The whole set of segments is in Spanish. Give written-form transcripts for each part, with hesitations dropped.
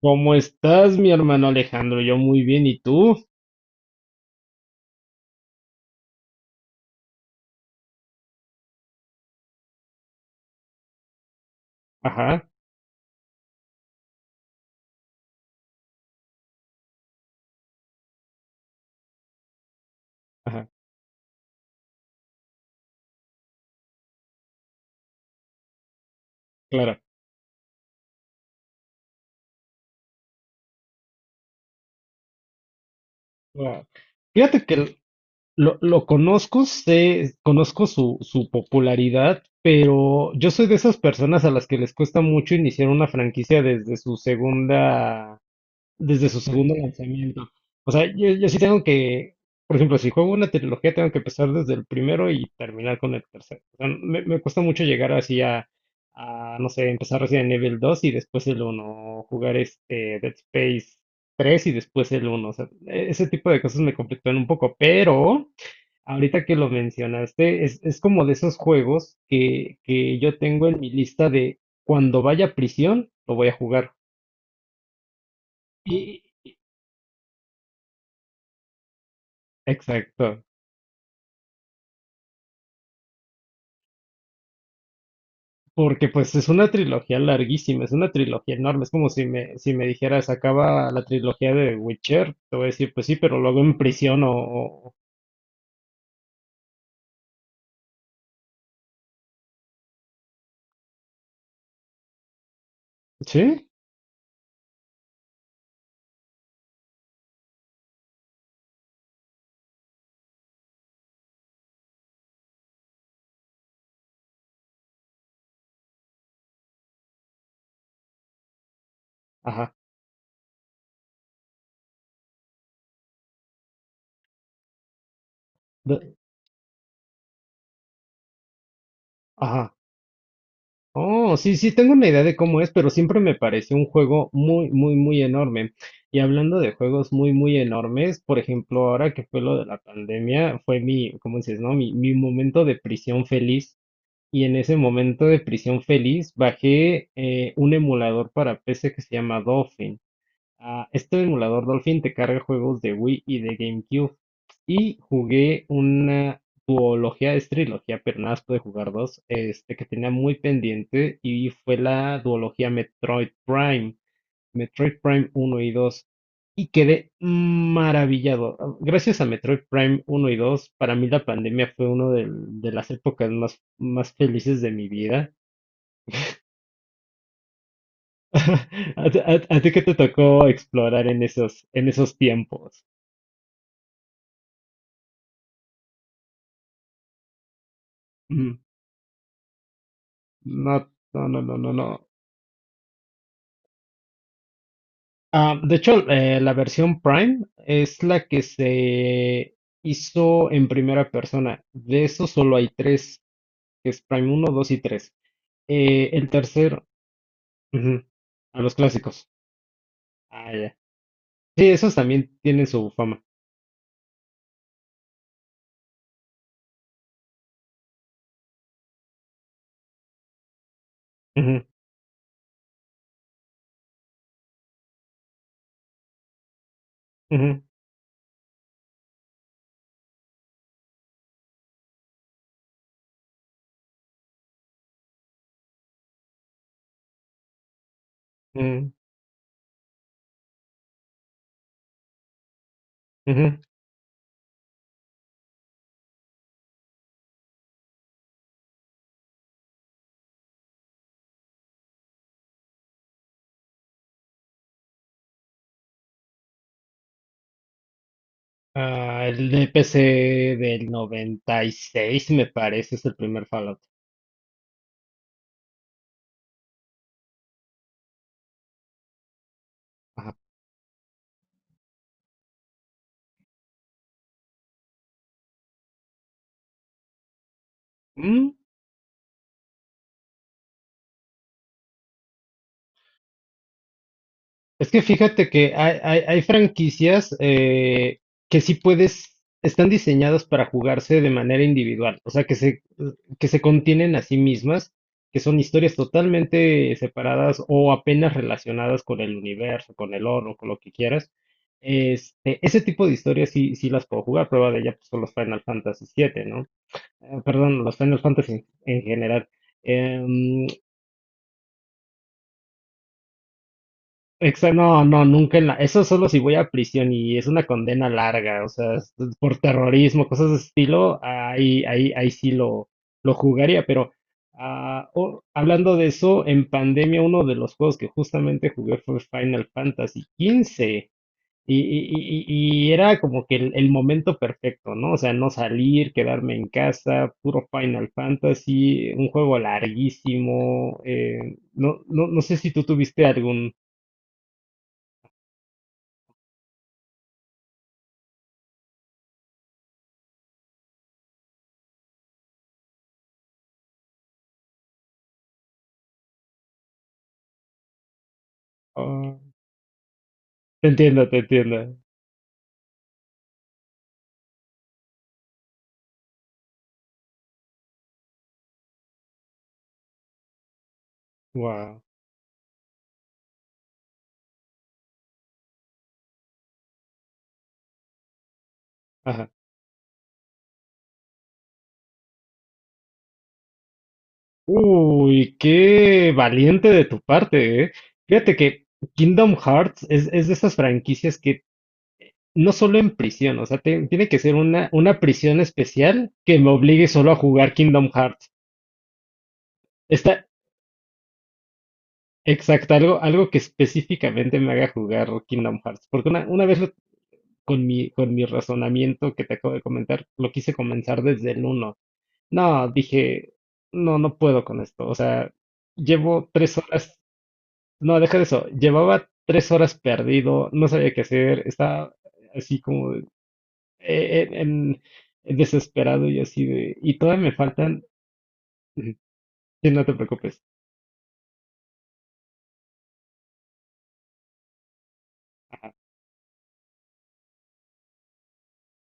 ¿Cómo estás, mi hermano Alejandro? Yo muy bien, ¿y tú? Ajá, ajá, claro. Claro. Fíjate que lo conozco, conozco su popularidad, pero yo soy de esas personas a las que les cuesta mucho iniciar una franquicia desde su segundo lanzamiento. O sea, yo sí tengo que, por ejemplo, si juego una trilogía, tengo que empezar desde el primero y terminar con el tercero. O sea, me cuesta mucho llegar así a, no sé, empezar Resident Evil 2 y después el uno, o jugar este Dead Space 3 y después el uno. O sea, ese tipo de cosas me conflictúan un poco, pero ahorita que lo mencionaste, es como de esos juegos que yo tengo en mi lista de cuando vaya a prisión, lo voy a jugar. Y, exacto. Porque pues es una trilogía larguísima, es una trilogía enorme, es como si me dijeras, acaba la trilogía de Witcher, te voy a decir, pues sí, pero luego en prisión ¿Sí? Ajá, de- ajá. Oh, sí, sí, tengo una idea de cómo es, pero siempre me pareció un juego muy, muy, muy enorme. Y hablando de juegos muy, muy enormes, por ejemplo, ahora que fue lo de la pandemia, fue mi, ¿cómo dices, no? Mi momento de prisión feliz. Y en ese momento de prisión feliz, bajé un emulador para PC que se llama Dolphin. Ah, este emulador Dolphin te carga juegos de Wii y de GameCube. Y jugué una duología, es trilogía, pero nada más pude jugar dos, que tenía muy pendiente y fue la duología Metroid Prime. Metroid Prime uno y dos, y quedé maravillado. Gracias a Metroid Prime uno y dos, para mí la pandemia fue una de las épocas más felices de mi vida. ¿A ti qué te tocó explorar en esos tiempos? Mm. No, no, no, no, no, no. Ah, de hecho, la versión Prime es la que se hizo en primera persona. De eso solo hay tres, que es Prime uno, 2 y tres. El tercer... Ujú. A los clásicos. Ah, ya. Sí, esos también tienen su fama. Ujú, ujú, ujú, ujú. Ah, el de PC del 96, me parece, es el primer Fallout. Ajá. Es que fíjate que hay franquicias que sí puedes, están diseñadas para jugarse de manera individual, o sea, que se contienen a sí mismas, que son historias totalmente separadas o apenas relacionadas con el universo, con el oro, con lo que quieras. Ese tipo de historias sí, sí las puedo jugar, prueba de ella pues, son los Final Fantasy 7, ¿no? Perdón, los Final Fantasy en general. Em, Exacto, no, no, nunca en la... Eso solo si voy a prisión y es una condena larga, o sea, es por terrorismo, cosas de estilo, ahí sí lo jugaría, pero hablando de eso, en pandemia uno de los juegos que justamente jugué fue Final Fantasy 15 y era como que el momento perfecto, ¿no? O sea, no salir, quedarme en casa, puro Final Fantasy, un juego larguísimo, no, no, no sé si tú tuviste algún... Ah, te entiendo, te entiendo. Wow. Ajá. Uy, qué valiente de tu parte, ¿eh? Fíjate que Kingdom Hearts es de esas franquicias que no solo en prisión, o sea, tiene que ser una prisión especial que me obligue solo a jugar Kingdom Hearts. Está exacto, algo que específicamente me haga jugar Kingdom Hearts. Porque una vez con mi razonamiento que te acabo de comentar, lo quise comenzar desde el uno. No, dije, no, no puedo con esto. O sea, llevo 3 horas. No, deja de eso. Llevaba 3 horas perdido, no sabía qué hacer, estaba así como eh, eh, en- desesperado y así de. Y todavía me faltan. Ujú. Sí, no te preocupes.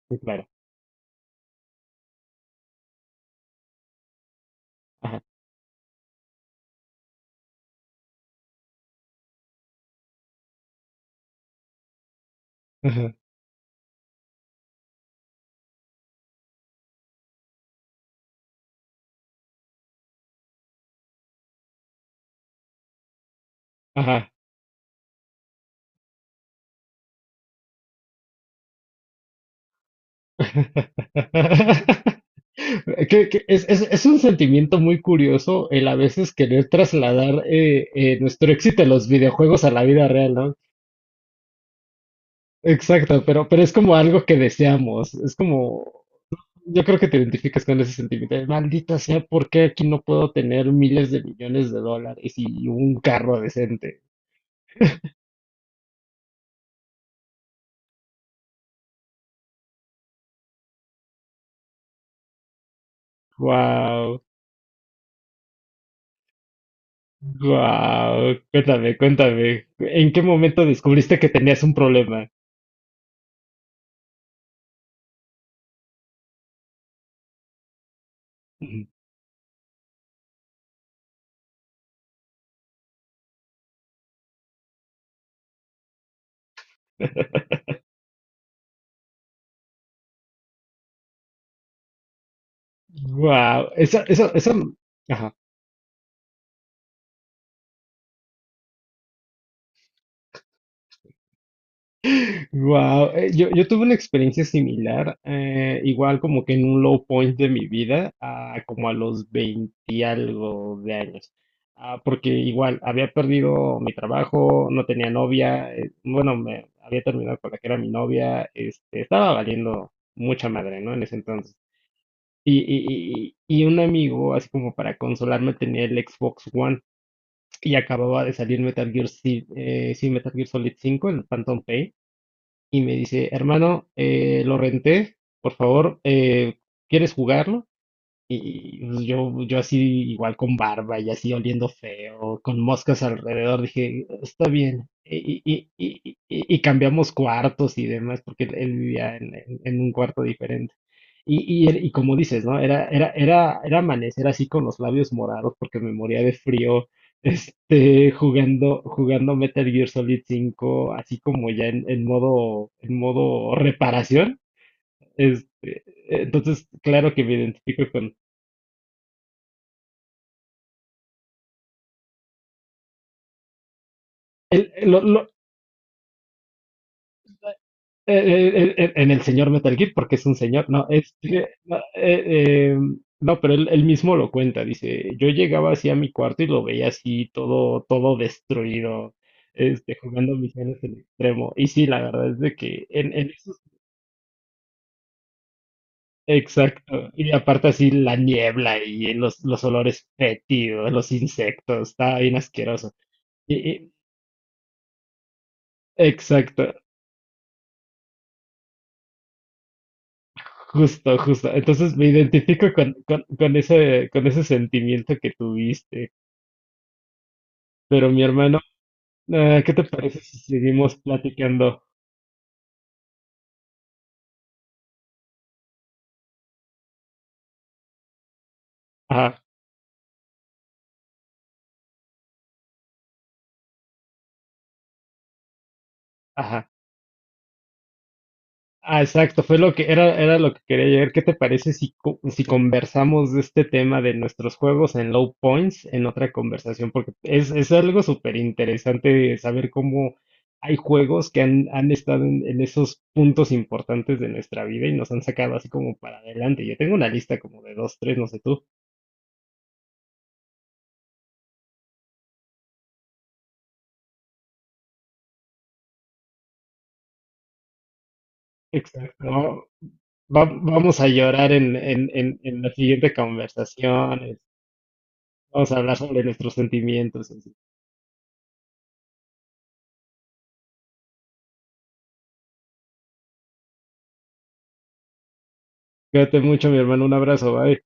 Sí, claro. Ajá. Ajá. Ajá. Que es un sentimiento muy curioso el a veces querer trasladar nuestro éxito en los videojuegos a la vida real, ¿no? Exacto, pero es como algo que deseamos, es como, yo creo que te identificas con ese sentimiento de, maldita sea, ¿por qué aquí no puedo tener miles de millones de dólares y un carro decente? Wow, wow, cuéntame, cuéntame, ¿en qué momento descubriste que tenías un problema? Wow, eso, eso, eso. Wow, yo tuve una experiencia similar, igual como que en un low point de mi vida, ah, como a los 20 y algo de años. Ah, porque igual había perdido mi trabajo, no tenía novia, bueno, me había terminado con la que era mi novia, estaba valiendo mucha madre, ¿no? En ese entonces. Y un amigo, así como para consolarme, tenía el Xbox One y acababa de salir sí, Metal Gear Solid 5, el Phantom Pain. Y me dice, hermano, lo renté, por favor, ¿quieres jugarlo? Y pues, yo así igual con barba y así oliendo feo, con moscas alrededor, dije, está bien. Y cambiamos cuartos y demás, porque él vivía en un cuarto diferente. Y como dices, ¿no? Era amanecer así con los labios morados porque me moría de frío, jugando Metal Gear Solid 5 así como ya en modo reparación. Este, entonces, claro que me identifico. El- lo- lo- en el señor Metal Gear, porque es un señor, no, no, no, pero él mismo lo cuenta, dice, yo llegaba así a mi cuarto y lo veía así todo destruido, jugando misiones en extremo. Y sí, la verdad es de que exacto, y aparte así la niebla y los olores fétidos, los insectos, está bien asqueroso. Y, y- exacto, Justo, justo. Entonces me identifico con ese sentimiento que tuviste. Pero mi hermano, ¿qué te parece si seguimos platicando? Ajá, ajá. Ah, exacto, fue lo que era lo que quería llegar. ¿Qué te parece si conversamos de este tema de nuestros juegos en low points en otra conversación? Porque es algo súper interesante saber cómo hay juegos que han estado en esos puntos importantes de nuestra vida y nos han sacado así como para adelante. Yo tengo una lista como de dos, tres, no sé tú. Exacto. ¿No? Va- vamos a llorar en la siguiente conversación. Vamos a hablar sobre nuestros sentimientos. Y así. Cuídate mucho, mi hermano. Un abrazo, bye.